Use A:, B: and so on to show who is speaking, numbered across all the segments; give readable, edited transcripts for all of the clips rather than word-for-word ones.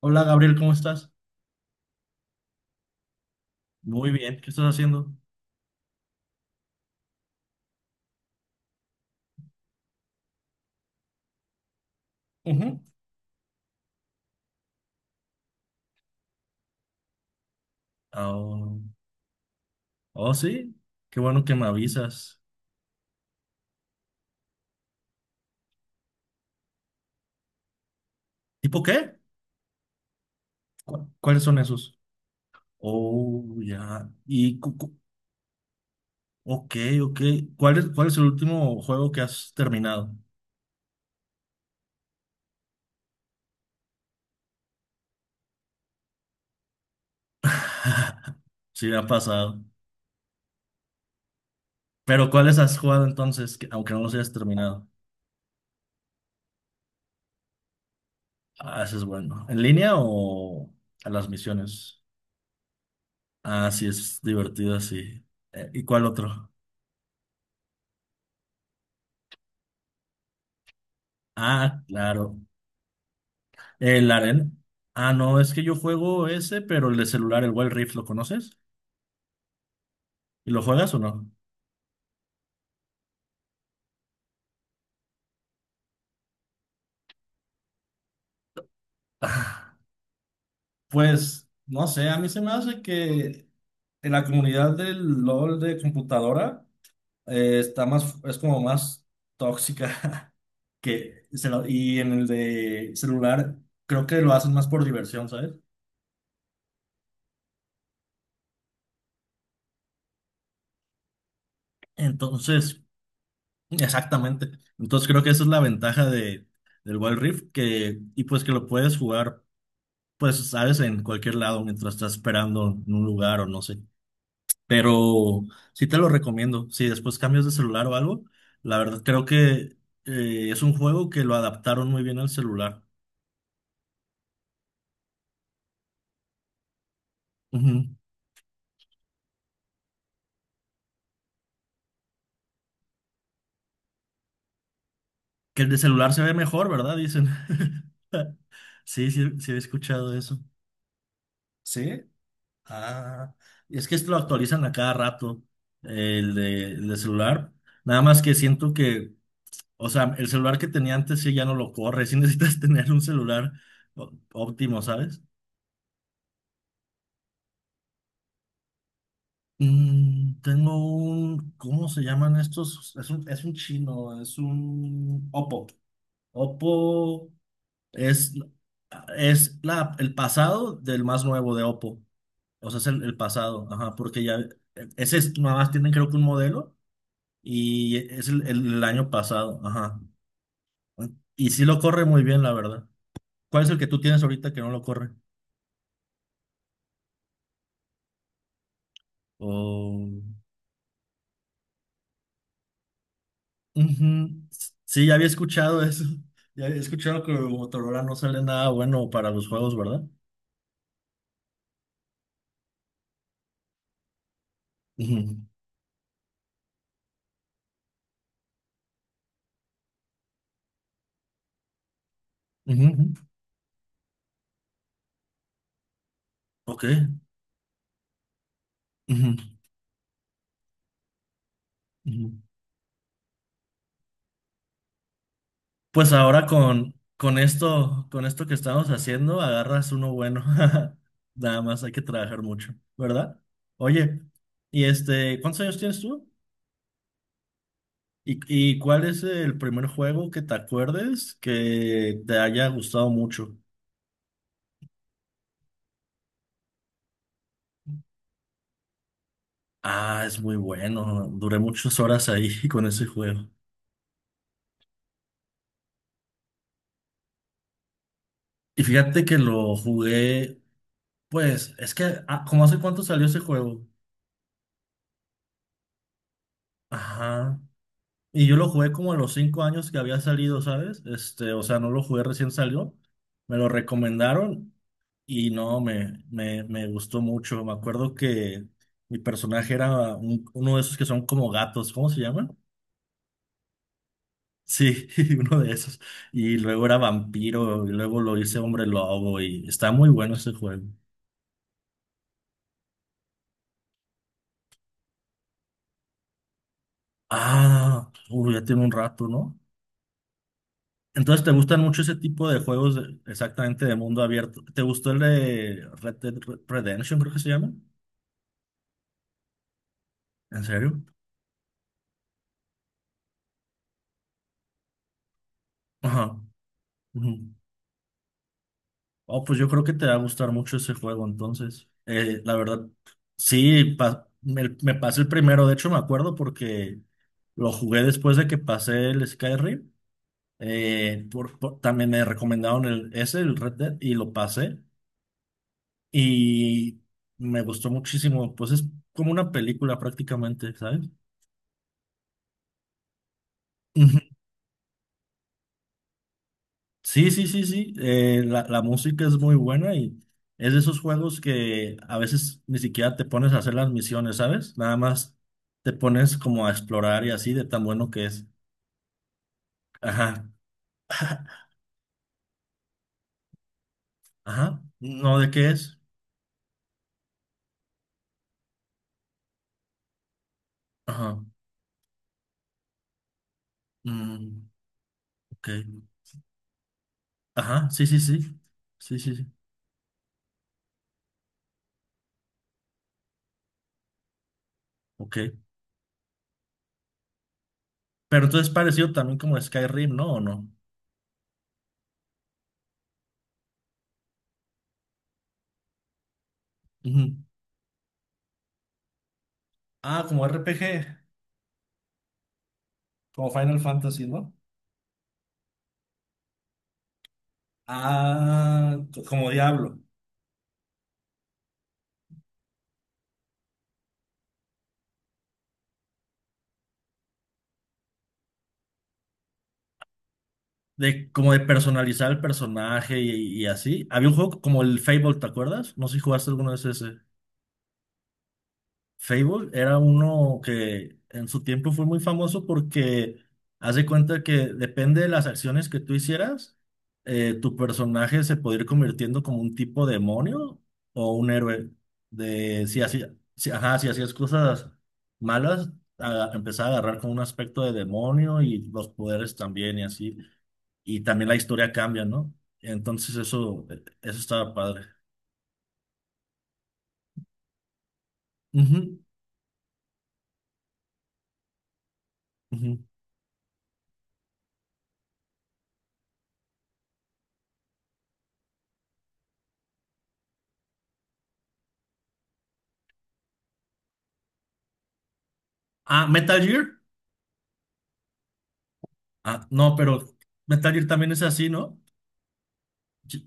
A: Hola Gabriel, ¿cómo estás? Muy bien, ¿qué estás haciendo? Ujú. Oh, oh, sí, qué bueno que me avisas. ¿Tipo qué? ¿Cuáles son esos? Oh, ya. Ok, ok. ¿Cuál es el último juego que has terminado? Sí, me ha pasado. Pero ¿cuáles has jugado entonces, aunque no los hayas terminado? Ah, ese es bueno. ¿En línea o a las misiones? Ah, sí, es divertido, sí. ¿Y cuál otro? Ah, claro. El arena. Ah, no, es que yo juego ese, pero el de celular, el Wild Rift, ¿lo conoces? ¿Y lo juegas o no? Ah, pues, no sé, a mí se me hace que en la comunidad del LOL de computadora está más, es como más tóxica. Y en el de celular creo que lo hacen más por diversión, ¿sabes? Entonces, exactamente. Entonces creo que esa es la ventaja del Wild Rift, que, y pues que lo puedes jugar. Pues, sabes, en cualquier lado mientras estás esperando en un lugar o no sé. Pero sí te lo recomiendo. Si después cambias de celular o algo, la verdad creo que es un juego que lo adaptaron muy bien al celular. Ujú. Que el de celular se ve mejor, ¿verdad? Dicen. Sí, sí, sí he escuchado eso. ¿Sí? Ah, es que esto lo actualizan a cada rato, el de celular. Nada más que siento que. O sea, el celular que tenía antes sí ya no lo corre. Sí necesitas tener un celular óptimo, ¿sabes? Mm, tengo un, ¿cómo se llaman estos? Es un chino, es un Oppo. Oppo es, es la, el pasado del más nuevo de Oppo. O sea, es el pasado, ajá, porque ya, ese es, nada más tienen creo que un modelo y es el año pasado, ajá. Y sí lo corre muy bien, la verdad. ¿Cuál es el que tú tienes ahorita que no lo corre? Oh, ujú. Sí, ya había escuchado eso. Ya había escuchado que Motorola no sale nada bueno para los juegos, ¿verdad? Ujú, ujú, ujú. Ok. Ujú, ujú. Pues ahora con esto que estamos haciendo, agarras uno bueno. Nada más hay que trabajar mucho, ¿verdad? Oye, y este, ¿cuántos años tienes tú? ¿Y cuál es el primer juego que te acuerdes que te haya gustado mucho? Ah, es muy bueno. Duré muchas horas ahí con ese juego. Y fíjate que lo jugué, pues, es que, ¿cómo hace cuánto salió ese juego? Ajá. Y yo lo jugué como a los 5 años que había salido, ¿sabes? Este, o sea, no lo jugué recién salió. Me lo recomendaron y no, me gustó mucho. Me acuerdo que mi personaje era uno de esos que son como gatos, ¿cómo se llaman? Sí, uno de esos. Y luego era vampiro, y luego lo hice hombre lobo, y está muy bueno ese juego. Ah, uy, ya tiene un rato, ¿no? Entonces, ¿te gustan mucho ese tipo de juegos exactamente de mundo abierto? ¿Te gustó el de Red Dead Redemption, creo que se llama? ¿En serio? Ajá. Ujú. Oh, pues yo creo que te va a gustar mucho ese juego, entonces. La verdad, sí, me pasé el primero, de hecho me acuerdo porque lo jugué después de que pasé el Skyrim. También me recomendaron el, ese, el Red Dead, y lo pasé. Y me gustó muchísimo. Pues es como una película prácticamente, ¿sabes? Ujú. Sí, sí, sí, sí. La música es muy buena y es de esos juegos que a veces ni siquiera te pones a hacer las misiones, ¿sabes? Nada más te pones como a explorar y así de tan bueno que es. Ajá, ajá. ¿No de qué es? Ajá. Mm, ok. Ajá, sí, sí, sí. Sí, sí, sí. Ok. Pero entonces es parecido también como Skyrim, ¿no? ¿O no? Ujú. Ah, como RPG como Final Fantasy, ¿no? Ah, como Diablo. De, como de personalizar el personaje y así. Había un juego como el Fable, ¿te acuerdas? No sé si jugaste alguno de ese. Fable era uno que en su tiempo fue muy famoso porque haz de cuenta que depende de las acciones que tú hicieras, tu personaje se podía ir convirtiendo como un tipo demonio o un héroe. De si hacía, si, ajá, si hacías cosas malas, empezaba a agarrar con un aspecto de demonio y los poderes también y así. Y también la historia cambia, ¿no? Entonces eso estaba padre. Ujú, ujú. Ah, Metal Gear. Ah, no, pero Metal Gear también es así, ¿no?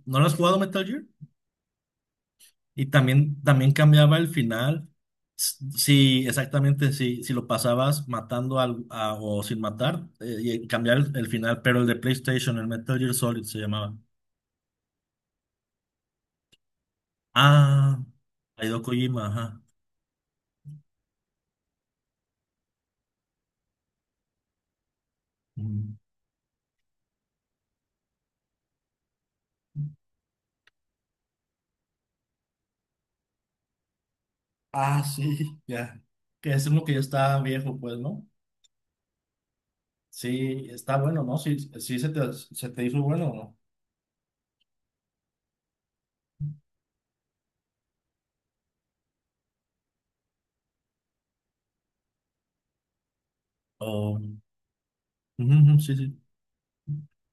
A: ¿No lo has jugado Metal Gear? Y también, también cambiaba el final. Sí, exactamente, sí, si lo pasabas matando o sin matar, y cambiar el final, pero el de PlayStation, el Metal Gear Solid se llamaba. Ah, Hideo Kojima, ajá. Mm. Ah, sí, ya. Que es uno que ya está viejo, pues, ¿no? Sí, está bueno, ¿no? Sí, sí se te hizo bueno, ¿no? O- Ujú, ujú, sí, sí.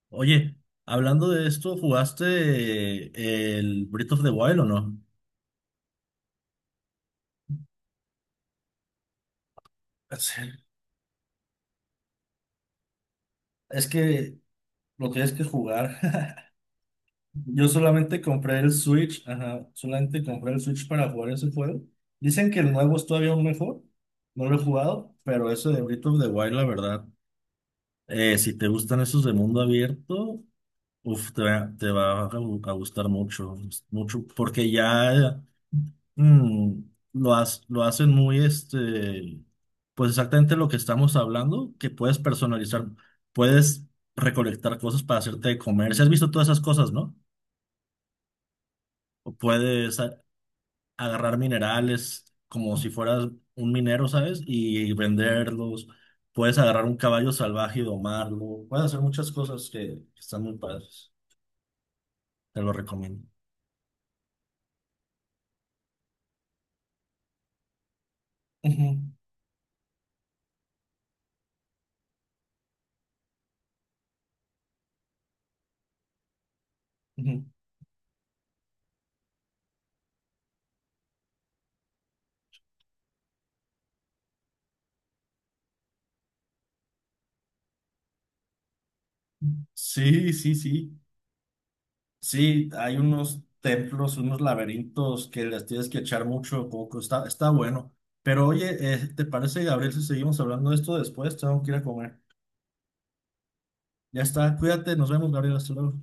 A: Oye, hablando de esto, ¿jugaste el Breath of the Wild o no? Sí, es que lo tienes que jugar. Yo solamente compré el Switch, ajá, solamente compré el Switch para jugar ese juego. Dicen que el nuevo es todavía aún mejor. No lo he jugado, pero eso de Breath of the Wild, la verdad. Si te gustan esos de mundo abierto, uf, te va a a gustar mucho, mucho, porque ya. Mm, lo hacen muy, este, pues exactamente lo que estamos hablando, que puedes personalizar, puedes recolectar cosas para hacerte de comer. Si has visto todas esas cosas, ¿no? O puedes agarrar minerales como si fueras un minero, ¿sabes? Y venderlos. Puedes agarrar un caballo salvaje y domarlo. Puedes hacer muchas cosas que están muy padres. Te lo recomiendo. Ujú, ujú. Sí, sí, sí. Sí, hay unos templos, unos laberintos que les tienes que echar mucho poco. Está bueno. Pero oye, ¿te parece, Gabriel, si seguimos hablando de esto después? Tengo que ir a comer. Ya está, cuídate, nos vemos, Gabriel, hasta luego.